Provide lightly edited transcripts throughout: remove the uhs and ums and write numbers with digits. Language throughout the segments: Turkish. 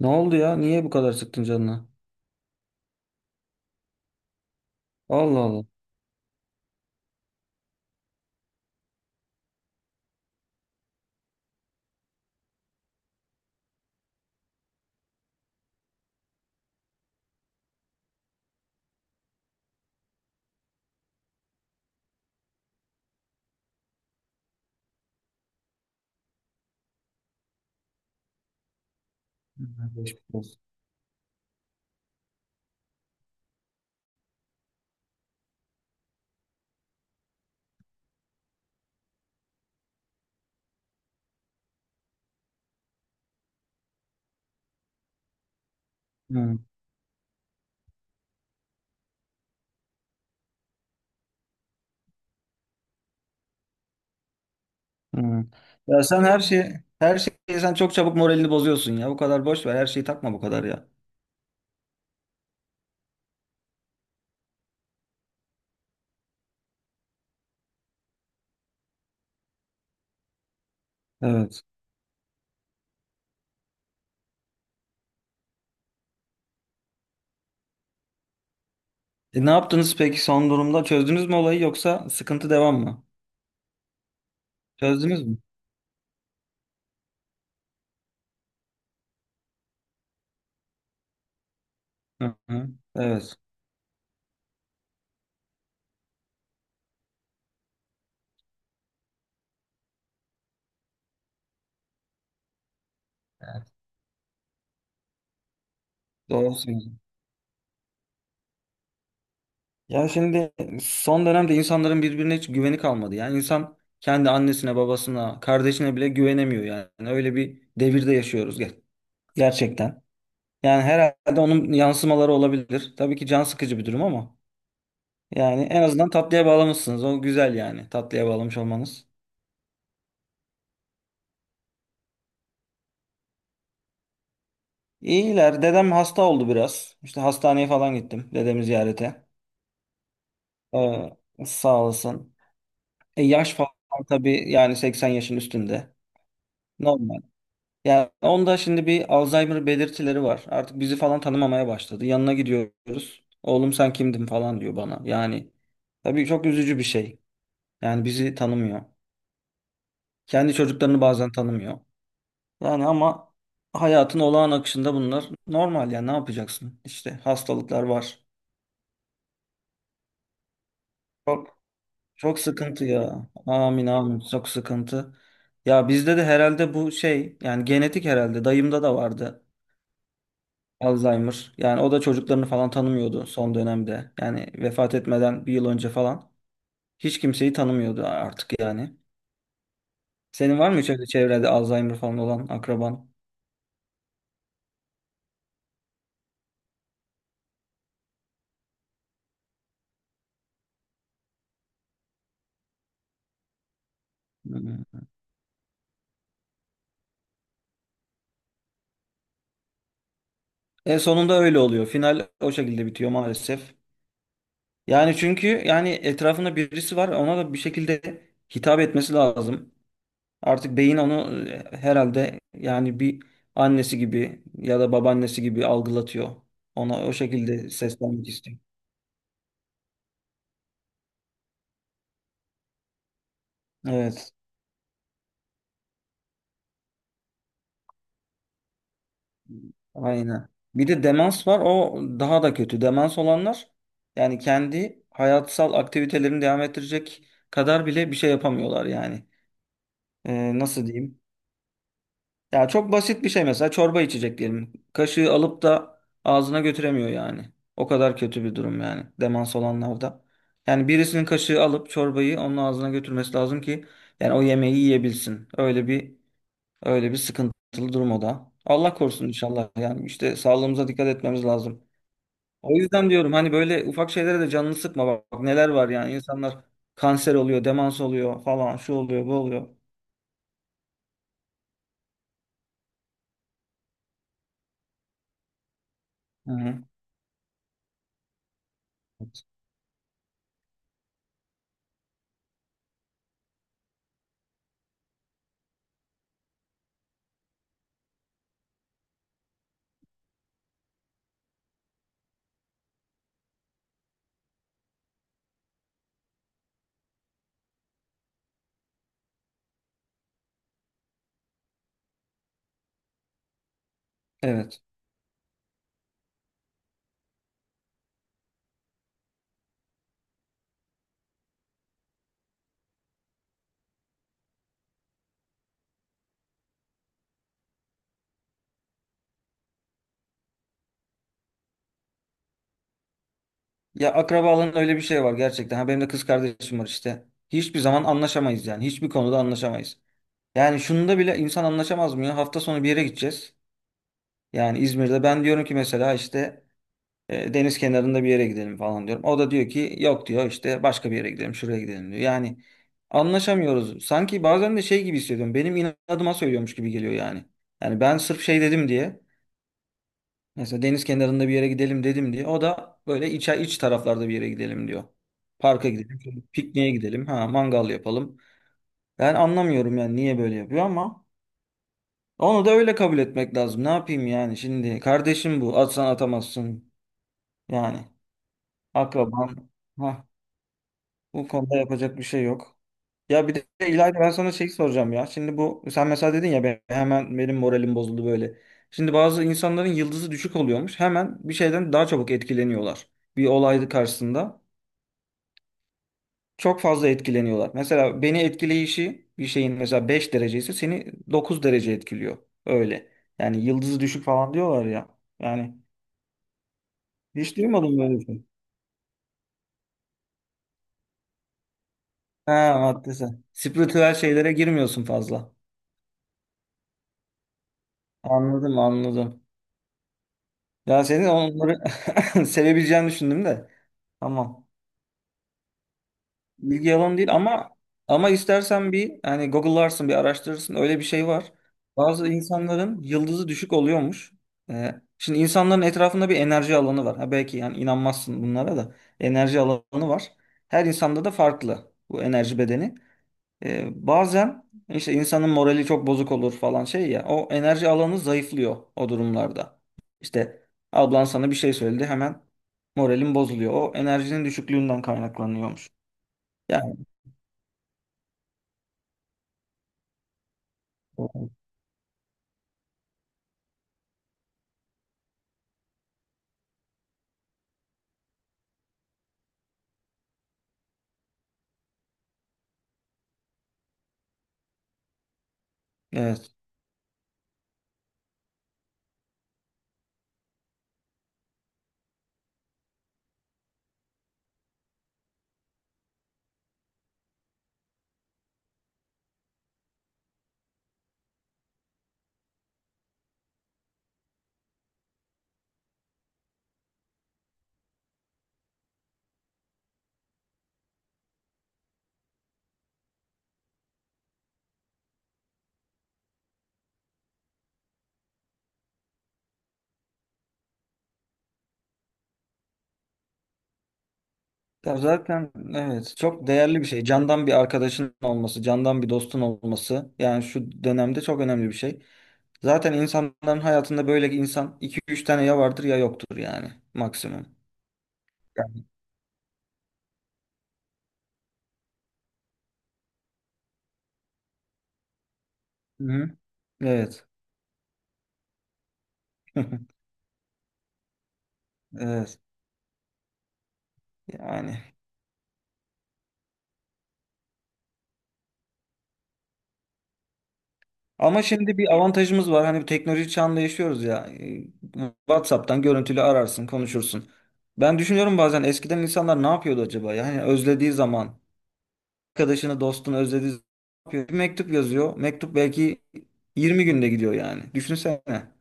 Ne oldu ya? Niye bu kadar sıktın canına? Allah Allah. Hı, geçmiş olsun. Hı, hı. Ya sen her şeyi sen çok çabuk moralini bozuyorsun ya. Bu kadar boş ver. Her şeyi takma bu kadar ya. Evet. Ne yaptınız peki son durumda? Çözdünüz mü olayı yoksa sıkıntı devam mı? Çözdünüz mü? Hı hı. Evet. Doğru söylüyorsun. Ya şimdi son dönemde insanların birbirine hiç güveni kalmadı. Yani insan kendi annesine, babasına, kardeşine bile güvenemiyor yani. Öyle bir devirde yaşıyoruz gerçekten. Yani herhalde onun yansımaları olabilir. Tabii ki can sıkıcı bir durum ama yani en azından tatlıya bağlamışsınız. O güzel yani tatlıya bağlamış olmanız. İyiler. Dedem hasta oldu biraz. İşte hastaneye falan gittim dedemi ziyarete. Ee, Sağ olasın. Yaş falan tabii yani 80 yaşın üstünde. Normal. Yani onda şimdi bir Alzheimer belirtileri var. Artık bizi falan tanımamaya başladı. Yanına gidiyoruz. Oğlum sen kimdin falan diyor bana. Yani tabii çok üzücü bir şey. Yani bizi tanımıyor. Kendi çocuklarını bazen tanımıyor. Yani ama hayatın olağan akışında bunlar normal yani ne yapacaksın? İşte hastalıklar var. Çok çok sıkıntı ya. Amin amin çok sıkıntı. Ya bizde de herhalde bu şey yani genetik herhalde dayımda da vardı Alzheimer. Yani o da çocuklarını falan tanımıyordu son dönemde. Yani vefat etmeden bir yıl önce falan hiç kimseyi tanımıyordu artık yani. Senin var mı hiç öyle çevrede Alzheimer falan olan akraban? Hmm. E sonunda öyle oluyor. Final o şekilde bitiyor maalesef. Yani çünkü yani etrafında birisi var ona da bir şekilde hitap etmesi lazım. Artık beyin onu herhalde yani bir annesi gibi ya da babaannesi gibi algılatıyor. Ona o şekilde seslenmek istiyor. Evet, aynen. Bir de demans var. O daha da kötü. Demans olanlar yani kendi hayatsal aktivitelerini devam ettirecek kadar bile bir şey yapamıyorlar yani. Nasıl diyeyim? Ya çok basit bir şey mesela çorba içecek diyelim. Kaşığı alıp da ağzına götüremiyor yani. O kadar kötü bir durum yani demans olanlarda. Yani birisinin kaşığı alıp çorbayı onun ağzına götürmesi lazım ki yani o yemeği yiyebilsin. Öyle bir sıkıntılı durum o da. Allah korusun inşallah. Yani işte sağlığımıza dikkat etmemiz lazım. O yüzden diyorum hani böyle ufak şeylere de canını sıkma bak, bak neler var yani insanlar kanser oluyor, demans oluyor falan şu oluyor, bu oluyor. Hı hı. Evet. Ya akrabalığın öyle bir şey var gerçekten. Ha, benim de kız kardeşim var işte. Hiçbir zaman anlaşamayız yani. Hiçbir konuda anlaşamayız. Yani şunda bile insan anlaşamaz mı ya? Hafta sonu bir yere gideceğiz. Yani İzmir'de ben diyorum ki mesela işte deniz kenarında bir yere gidelim falan diyorum. O da diyor ki yok diyor işte başka bir yere gidelim şuraya gidelim diyor. Yani anlaşamıyoruz. Sanki bazen de şey gibi hissediyorum. Benim inadıma söylüyormuş gibi geliyor yani. Yani ben sırf şey dedim diye. Mesela deniz kenarında bir yere gidelim dedim diye. O da böyle iç taraflarda bir yere gidelim diyor. Parka gidelim, pikniğe gidelim, ha mangal yapalım. Ben anlamıyorum yani niye böyle yapıyor ama onu da öyle kabul etmek lazım. Ne yapayım yani şimdi? Kardeşim bu. Atsan atamazsın. Yani akraban. Ha, bu konuda yapacak bir şey yok. Ya bir de İlayda ben sana şey soracağım ya. Şimdi bu sen mesela dedin ya ben, hemen benim moralim bozuldu böyle. Şimdi bazı insanların yıldızı düşük oluyormuş. Hemen bir şeyden daha çabuk etkileniyorlar. Bir olay karşısında çok fazla etkileniyorlar. Mesela beni etkileyişi bir şeyin mesela 5 derece ise seni 9 derece etkiliyor. Öyle. Yani yıldızı düşük falan diyorlar ya. Yani hiç duymadım böyle bir şey. Ha maddesi. Spiritüel şeylere girmiyorsun fazla. Anladım anladım. Ya senin onları sevebileceğini düşündüm de. Tamam. Bilgi yalan değil ama ama istersen bir hani Google'larsın bir araştırırsın öyle bir şey var. Bazı insanların yıldızı düşük oluyormuş. Şimdi insanların etrafında bir enerji alanı var. Ha belki yani inanmazsın bunlara da. Enerji alanı var. Her insanda da farklı bu enerji bedeni. Bazen işte insanın morali çok bozuk olur falan şey ya o enerji alanı zayıflıyor o durumlarda. İşte ablan sana bir şey söyledi hemen moralin bozuluyor. O enerjinin düşüklüğünden kaynaklanıyormuş. Yani evet. Ya zaten evet çok değerli bir şey. Candan bir arkadaşın olması, candan bir dostun olması yani şu dönemde çok önemli bir şey. Zaten insanların hayatında böyle insan iki üç tane ya vardır ya yoktur yani maksimum. Yani. Hı hı. Evet. Evet. Yani ama şimdi bir avantajımız var. Hani bu teknoloji çağında yaşıyoruz ya. WhatsApp'tan görüntülü ararsın, konuşursun. Ben düşünüyorum bazen eskiden insanlar ne yapıyordu acaba? Yani özlediği zaman arkadaşını, dostunu özlediği zaman ne yapıyor? Bir mektup yazıyor. Mektup belki 20 günde gidiyor yani. Düşünsene.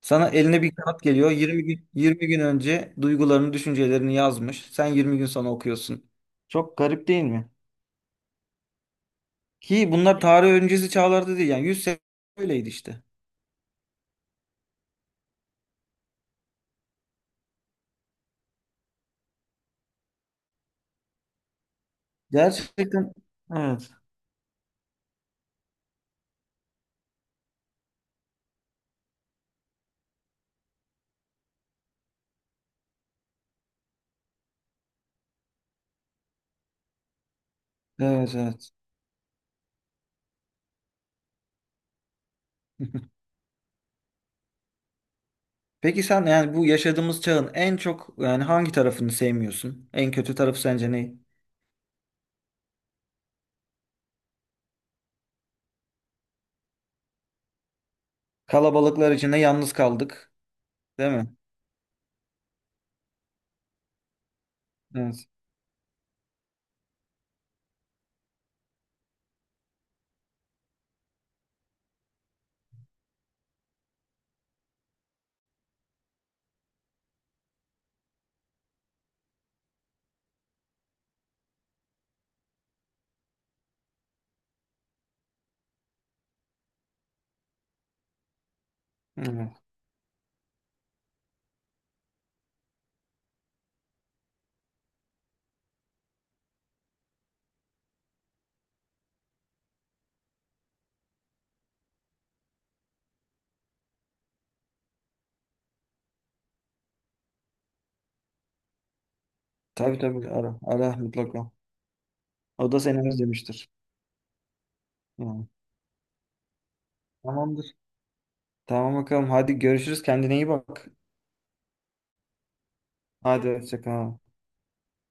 Sana eline bir kağıt geliyor. 20 gün önce duygularını, düşüncelerini yazmış. Sen 20 gün sonra okuyorsun. Çok garip değil mi? Ki bunlar tarih öncesi çağlarda değil yani 100 sene öyleydi işte. Gerçekten evet. Evet evet. Peki sen yani bu yaşadığımız çağın en çok yani hangi tarafını sevmiyorsun? En kötü tarafı sence ne? Kalabalıklar içinde yalnız kaldık, değil mi? Evet. Evet. Tabii tabii ara ara mutlaka. O da seni özlemiştir. Yani. Tamamdır. Tamam bakalım. Hadi görüşürüz. Kendine iyi bak. Hadi hoşça kal.